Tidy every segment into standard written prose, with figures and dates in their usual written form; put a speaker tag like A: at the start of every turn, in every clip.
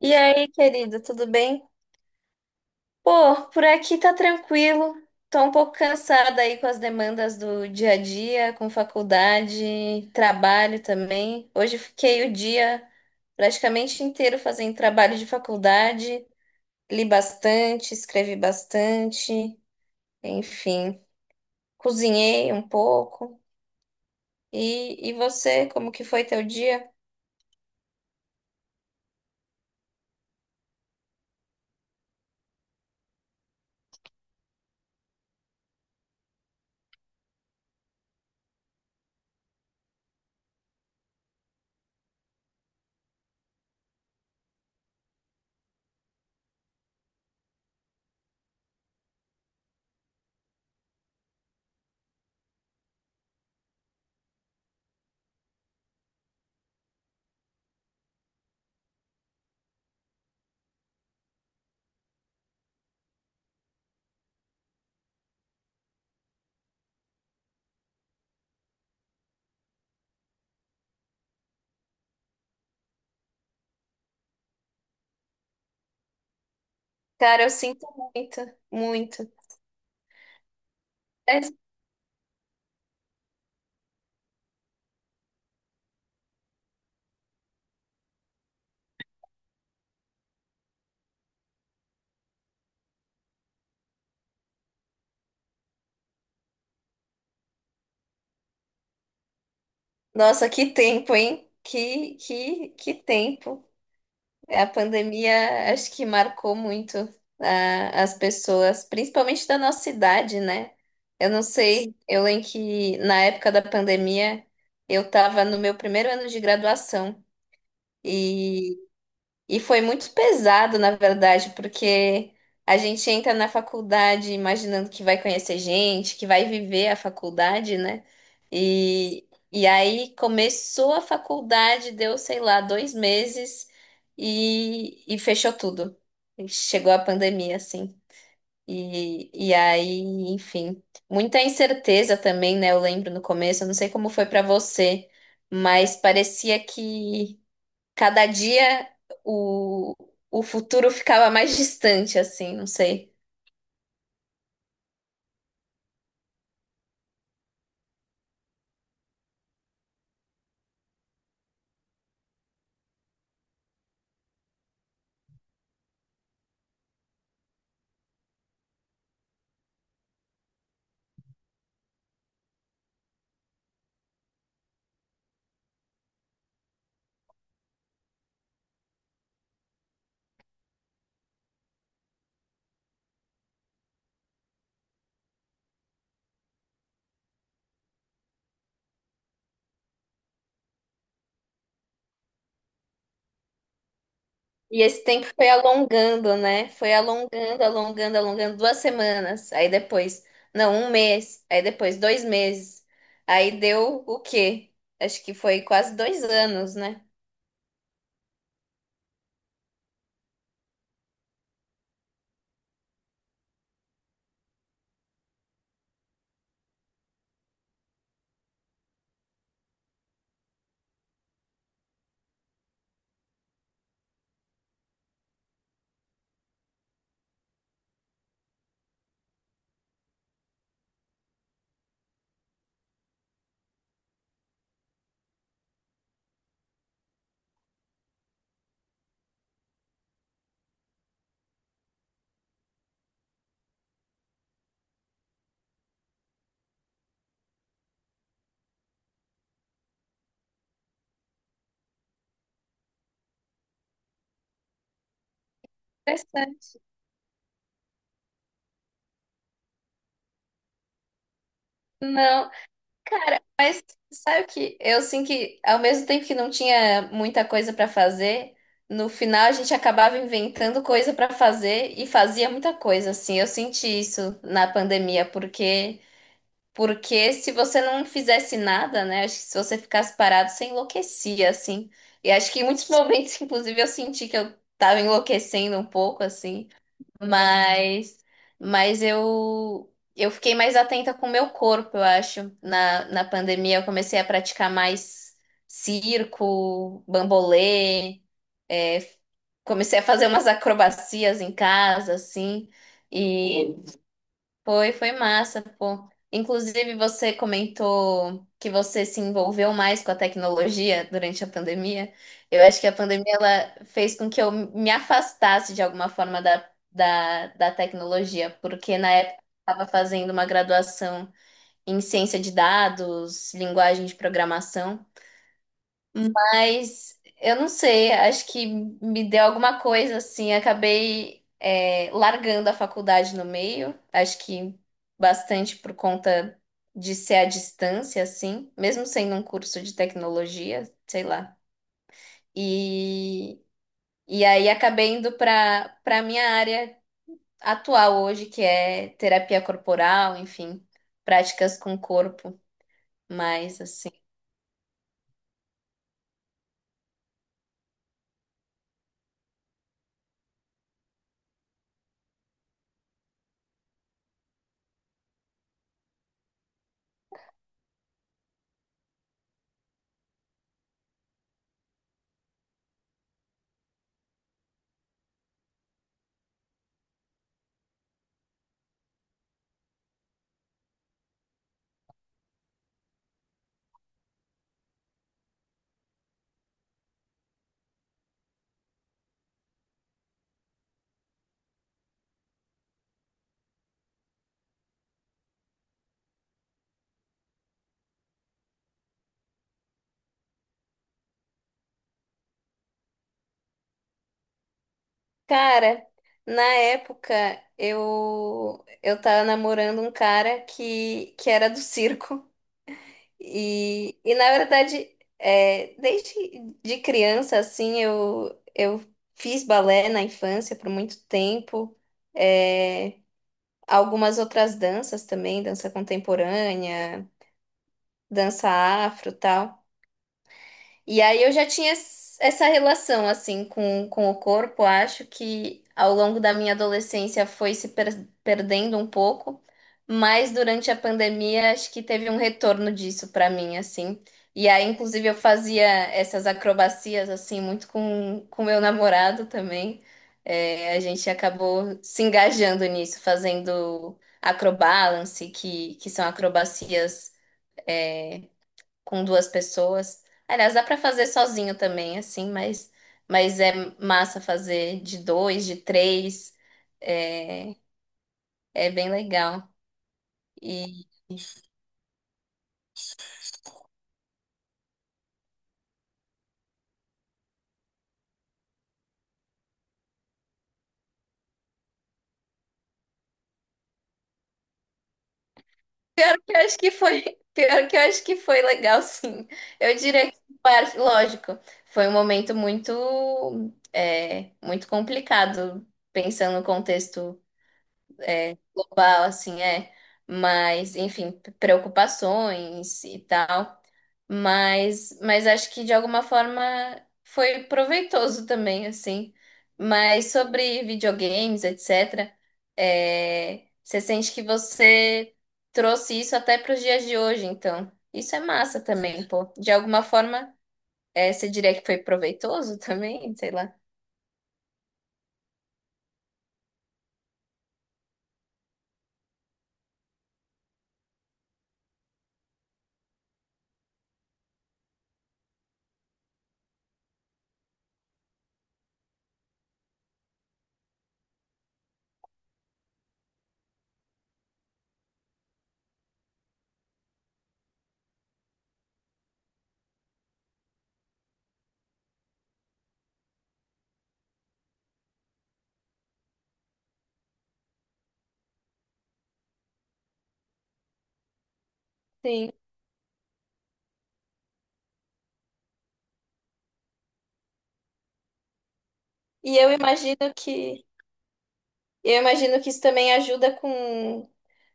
A: E aí, querido, tudo bem? Pô, por aqui tá tranquilo. Tô um pouco cansada aí com as demandas do dia a dia, com faculdade, trabalho também. Hoje fiquei o dia praticamente inteiro fazendo trabalho de faculdade. Li bastante, escrevi bastante, enfim, cozinhei um pouco. E você, como que foi teu dia? Cara, eu sinto muito, muito. Nossa, que tempo, hein? Que tempo. A pandemia acho que marcou muito as pessoas, principalmente da nossa idade, né? Eu não sei, eu lembro que na época da pandemia eu estava no meu primeiro ano de graduação e foi muito pesado, na verdade, porque a gente entra na faculdade imaginando que vai conhecer gente, que vai viver a faculdade, né? E aí começou a faculdade, deu, sei lá, 2 meses e fechou tudo. E chegou a pandemia, assim. E aí, enfim, muita incerteza também, né? Eu lembro no começo, eu não sei como foi pra você, mas parecia que. Cada dia o, o futuro ficava mais distante, assim, não sei. E esse tempo foi alongando, né? Foi alongando, alongando, alongando 2 semanas. Aí depois, não, um mês. Aí depois, 2 meses. Aí deu o quê? Acho que foi quase 2 anos, né? Interessante. Não. Cara, mas sabe o que? Eu assim que ao mesmo tempo que não tinha muita coisa pra fazer, no final a gente acabava inventando coisa pra fazer e fazia muita coisa assim. Eu senti isso na pandemia, porque se você não fizesse nada, né? Acho que se você ficasse parado, você enlouquecia assim. E acho que em muitos momentos, inclusive, eu senti que eu tava enlouquecendo um pouco assim. Mas, mas eu fiquei mais atenta com o meu corpo, eu acho. Na pandemia, eu comecei a praticar mais circo, bambolê, é, comecei a fazer umas acrobacias em casa, assim, e foi massa, pô. Inclusive, você comentou que você se envolveu mais com a tecnologia durante a pandemia. Eu acho que a pandemia ela fez com que eu me afastasse de alguma forma da tecnologia, porque na época eu estava fazendo uma graduação em ciência de dados, linguagem de programação. Mas eu não sei, acho que me deu alguma coisa assim. Acabei largando a faculdade no meio, acho que bastante por conta de ser à distância, assim, mesmo sendo um curso de tecnologia, sei lá. E, e aí acabei indo para minha área atual hoje, que é terapia corporal, enfim, práticas com o corpo, mais assim. Cara, na época eu tava namorando um cara que era do circo e na verdade desde de criança assim eu fiz balé na infância por muito tempo, é, algumas outras danças também, dança contemporânea, dança afro, tal. E aí eu já tinha essa relação assim com o corpo, acho que ao longo da minha adolescência foi se perdendo um pouco, mas durante a pandemia acho que teve um retorno disso para mim assim. E aí inclusive eu fazia essas acrobacias assim muito com meu namorado também. É, a gente acabou se engajando nisso, fazendo acrobalance, que são acrobacias é, com 2 pessoas. Aliás, dá para fazer sozinho também, assim, mas, é massa fazer de dois, de três. É, é bem legal. E pior que eu acho que foi, pior que eu acho que foi legal, sim. Eu diria que, lógico, foi um momento muito, muito complicado, pensando no contexto, global, assim, é. Mas, enfim, preocupações e tal. Mas acho que de alguma forma foi proveitoso também, assim. Mas sobre videogames, etc., você sente que você trouxe isso até para os dias de hoje, então. Isso é massa também, pô. De alguma forma, você diria que foi proveitoso também, sei lá. Sim. E eu imagino que isso também ajuda com,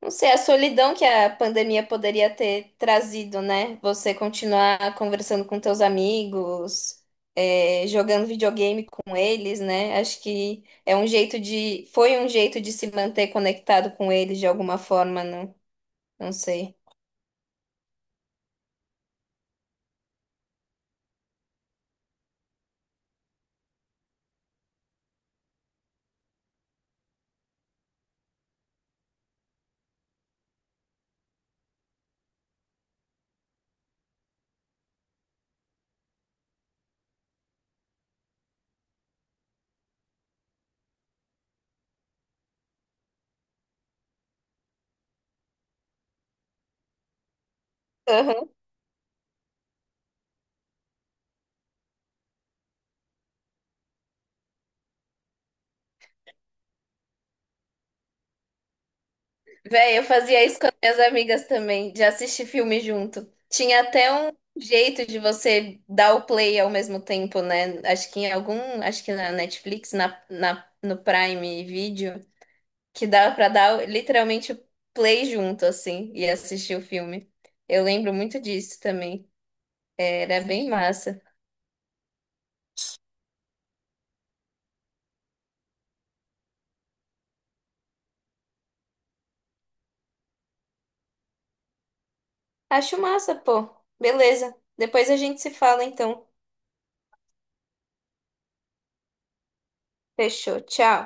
A: não sei, a solidão que a pandemia poderia ter trazido, né? Você continuar conversando com teus amigos, jogando videogame com eles, né? Acho que foi um jeito de se manter conectado com eles de alguma forma, não, não sei. Véi, eu fazia isso com as minhas amigas também, de assistir filme junto. Tinha até um jeito de você dar o play ao mesmo tempo, né? Acho que em algum, acho que na Netflix, no Prime Video, que dava pra dar literalmente o play junto, assim, e assistir o filme. Eu lembro muito disso também. Era bem massa. Acho massa, pô. Beleza. Depois a gente se fala, então. Fechou. Tchau.